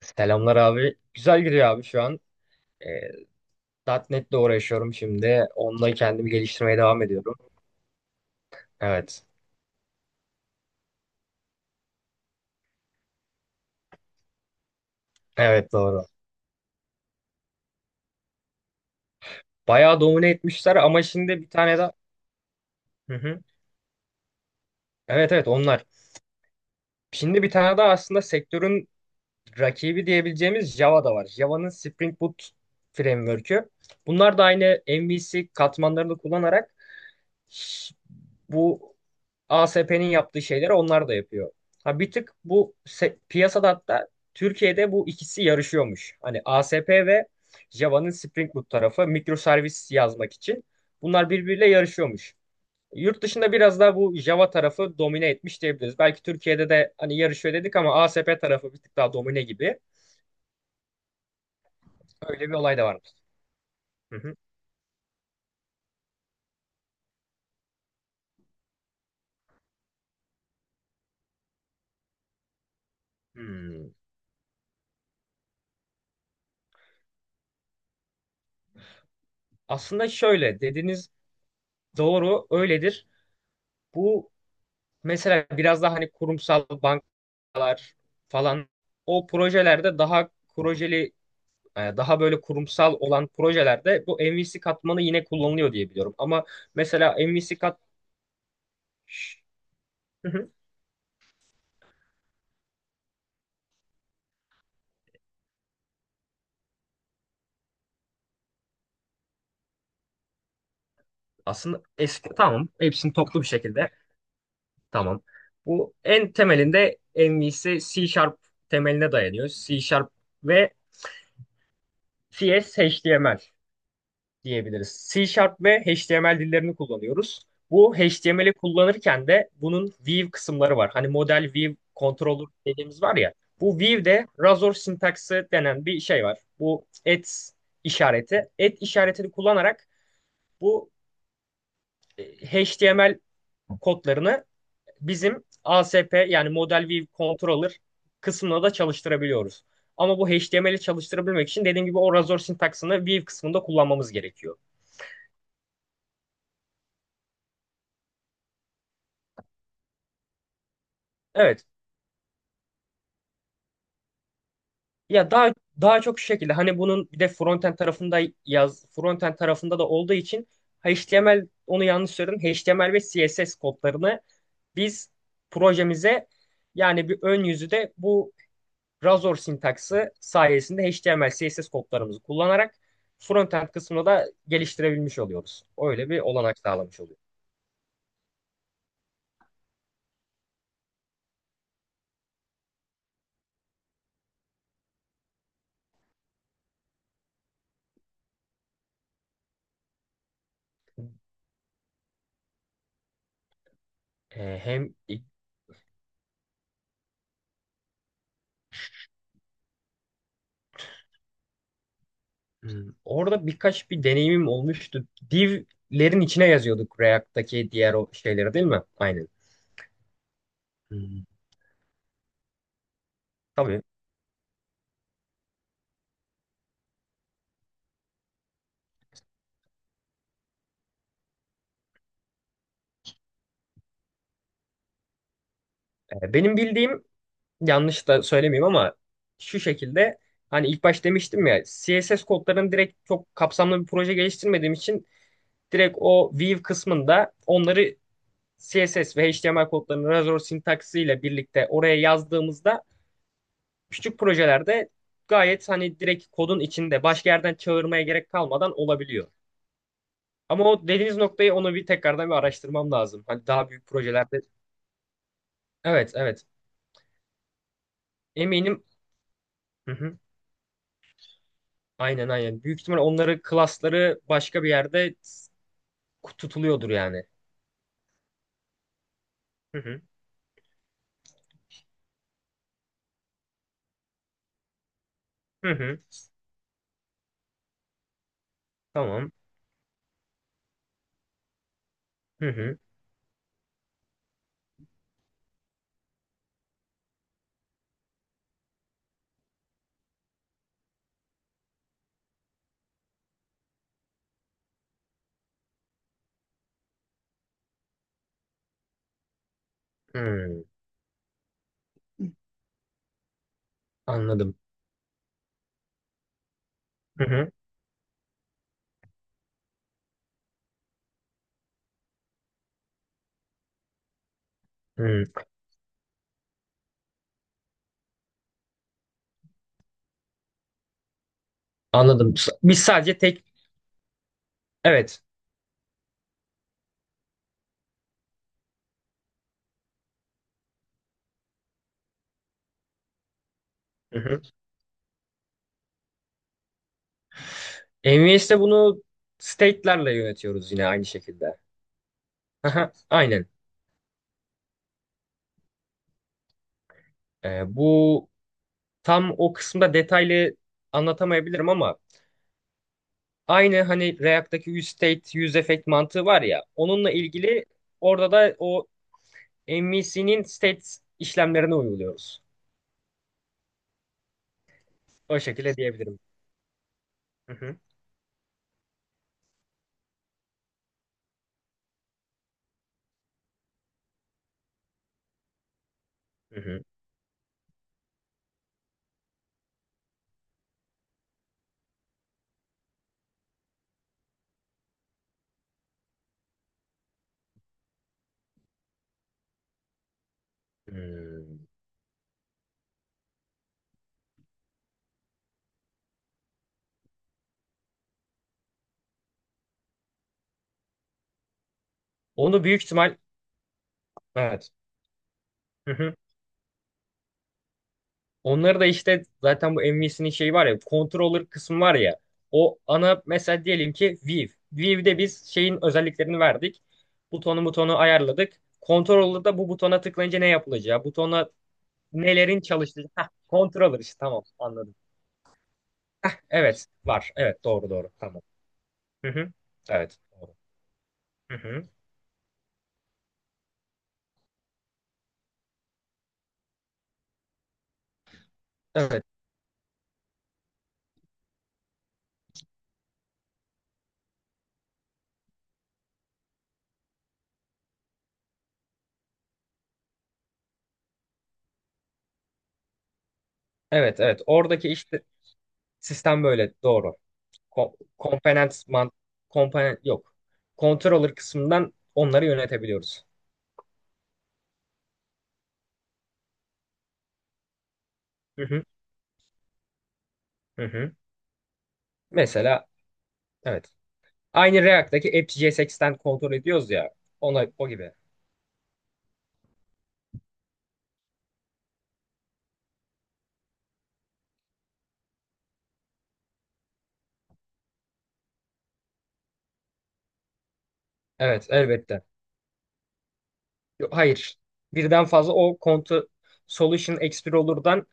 Selamlar abi. Güzel gidiyor abi şu an. E, .NET'le uğraşıyorum şimdi. Onunla kendimi geliştirmeye devam ediyorum. Evet. Evet, doğru. Bayağı domine etmişler, ama şimdi bir tane daha... Hı hı. Evet, evet, onlar. Şimdi bir tane daha, aslında sektörün rakibi diyebileceğimiz Java da var. Java'nın Spring Boot Framework'ü. Bunlar da aynı MVC katmanlarını kullanarak s- bu ASP'nin yaptığı şeyleri onlar da yapıyor. Ha, bir tık bu piyasada, hatta Türkiye'de bu ikisi yarışıyormuş. Hani ASP ve Java'nın Spring Boot tarafı mikroservis yazmak için bunlar birbiriyle yarışıyormuş. Yurt dışında biraz daha bu Java tarafı domine etmiş diyebiliriz. Belki Türkiye'de de hani yarışıyor dedik ama ASP tarafı bir tık daha domine gibi. Öyle bir olay da varmış. Hı hı. Hmm. Aslında şöyle dediniz, doğru öyledir. Bu Mesela biraz daha hani kurumsal bankalar falan, o projelerde daha projeli, daha böyle kurumsal olan projelerde bu MVC katmanı yine kullanılıyor diye biliyorum. Ama, mesela MVC Şş, hı hı, aslında, eski, tamam, hepsini toplu bir şekilde, tamam. Bu en temelinde MVC C Sharp temeline dayanıyor. C Sharp ve CS HTML diyebiliriz. C Sharp ve HTML dillerini kullanıyoruz. Bu HTML'i kullanırken de bunun view kısımları var. Hani model view controller dediğimiz var ya. Bu view'de razor sintaksı denen bir şey var. Bu et işareti. Et işaretini kullanarak bu e, HTML kodlarını bizim ASP, yani model view controller kısmına da çalıştırabiliyoruz. Ama bu HTML'i çalıştırabilmek için dediğim gibi o razor sintaksını view kısmında kullanmamız gerekiyor. Evet. Ya, daha çok şu şekilde, hani bunun bir de frontend tarafında da olduğu için HTML, onu yanlış söyledim. HTML ve CSS kodlarını biz projemize, yani bir ön yüzü de bu Razor sintaksı sayesinde HTML, CSS kodlarımızı kullanarak frontend kısmını da geliştirebilmiş oluyoruz. Öyle bir olanak sağlamış oluyor. Ee, hem orada birkaç bir deneyimim olmuştu. Div'lerin içine yazıyorduk React'taki diğer o şeyleri, değil mi? Aynen. Hmm. Tabii. Benim bildiğim, yanlış da söylemeyeyim ama şu şekilde, hani ilk baş demiştim ya, CSS kodlarını direkt çok kapsamlı bir proje geliştirmediğim için direkt o Vue kısmında onları, CSS ve HTML kodlarını Razor sintaksiyle birlikte oraya yazdığımızda, küçük projelerde, gayet hani direkt kodun içinde başka yerden çağırmaya gerek kalmadan olabiliyor. Ama o dediğiniz noktayı, onu bir tekrardan bir araştırmam lazım. Hani daha büyük projelerde. Evet, evet. Eminim. Aynen, aynen. Büyük ihtimal onları, klasları başka bir yerde tutuluyordur yani. Hı hı. Hı hı. Tamam. Hı hı. Hı. Anladım. Hı hı. Hı. Anladım. Biz sadece tek, evet. Hı hı. NVS'te bunu state'lerle yönetiyoruz, yine aynı şekilde. Aha, aynen. Bu tam o kısımda detaylı anlatamayabilirim, ama aynı hani React'taki use state, use effect mantığı var ya, onunla ilgili orada da o MVC'nin state işlemlerine uyguluyoruz. O şekilde diyebilirim. Hı hı. Hı hı. Hmm. Onu büyük ihtimal, evet. Hı hı. Onları da işte zaten bu MVC'nin şeyi var ya, controller kısmı var ya, o ana mesela diyelim ki Viv'de biz şeyin özelliklerini verdik. Butonu ayarladık. Controller'da bu butona tıklayınca ne yapılacağı, butona nelerin çalıştığı. Controller işte, tamam, anladım. Evet, var. Evet, doğru doğru, tamam. Hı hı. Evet. Doğru. Hı hı. Evet. Evet, evet, oradaki işte sistem böyle, doğru. Komponent man, komponent yok. Controller kısmından onları yönetebiliyoruz. Hı hı, hı hı. Mesela, evet. Aynı React'taki AppJSX'ten kontrol ediyoruz ya. Ona o gibi. Evet, elbette. Hayır. Birden fazla o kontu, Solution Explorer'dan,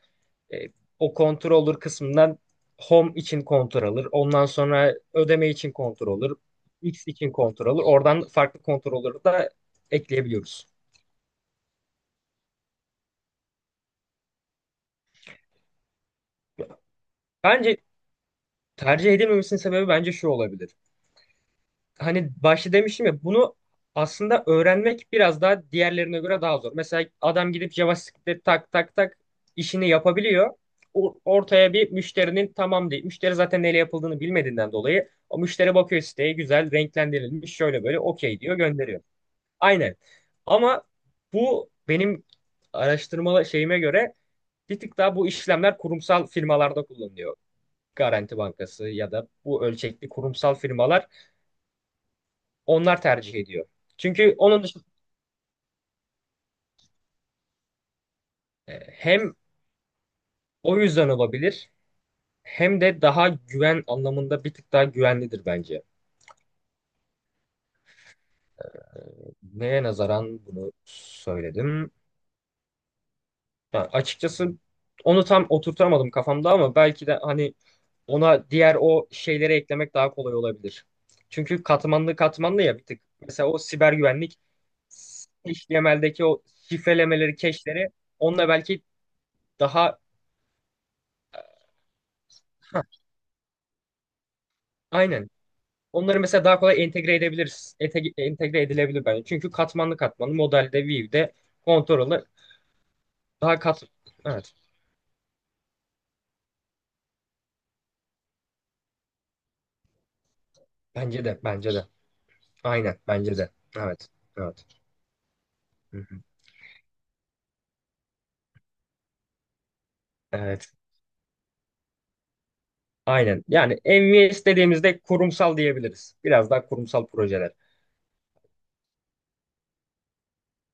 E, o controller kısmından, home için controller, ondan sonra ödeme için controller, X için controller, oradan farklı controller'ı da ekleyebiliyoruz. Bence tercih edilmemesinin sebebi bence şu olabilir. Hani başta demiştim ya, bunu aslında öğrenmek biraz daha diğerlerine göre daha zor. Mesela adam gidip JavaScript'te tak tak tak işini yapabiliyor. Ortaya bir müşterinin, tamam değil. Müşteri zaten neyle yapıldığını bilmediğinden dolayı o müşteri bakıyor siteye, güzel renklendirilmiş, şöyle böyle, okey diyor, gönderiyor. Aynen. Ama bu, benim araştırmalı şeyime göre, bir tık daha bu işlemler kurumsal firmalarda kullanılıyor. Garanti Bankası ya da bu ölçekli kurumsal firmalar onlar tercih ediyor. Çünkü onun dışında hem o yüzden olabilir, hem de daha güven anlamında bir tık daha güvenlidir bence. Neye nazaran bunu söyledim? Yani açıkçası onu tam oturtamadım kafamda, ama belki de hani ona diğer o şeyleri eklemek daha kolay olabilir. Çünkü katmanlı katmanlı ya, bir tık. Mesela o siber güvenlik, HTML'deki o şifrelemeleri, cache'leri, onunla belki daha, aynen. Onları mesela daha kolay entegre edebiliriz. Entegre edilebilir bence. Çünkü katmanlı katmanlı modelde, view'de, control'da daha kat... Evet. Bence de. Bence de. Aynen. Bence de. Evet. Evet. Hı hı. Evet. Aynen. Yani MVS dediğimizde kurumsal diyebiliriz. Biraz daha kurumsal projeler.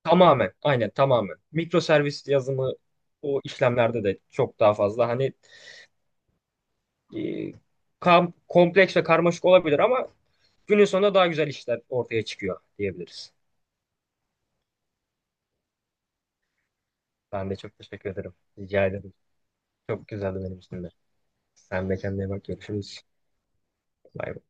Tamamen. Aynen. Tamamen. Mikro servis yazımı o işlemlerde de çok daha fazla. Hani e, kompleks ve karmaşık olabilir ama günün sonunda daha güzel işler ortaya çıkıyor diyebiliriz. Ben de çok teşekkür ederim. Rica ederim. Çok güzeldi benim için de. Sen de kendine bak. Görüşürüz. Bay bay.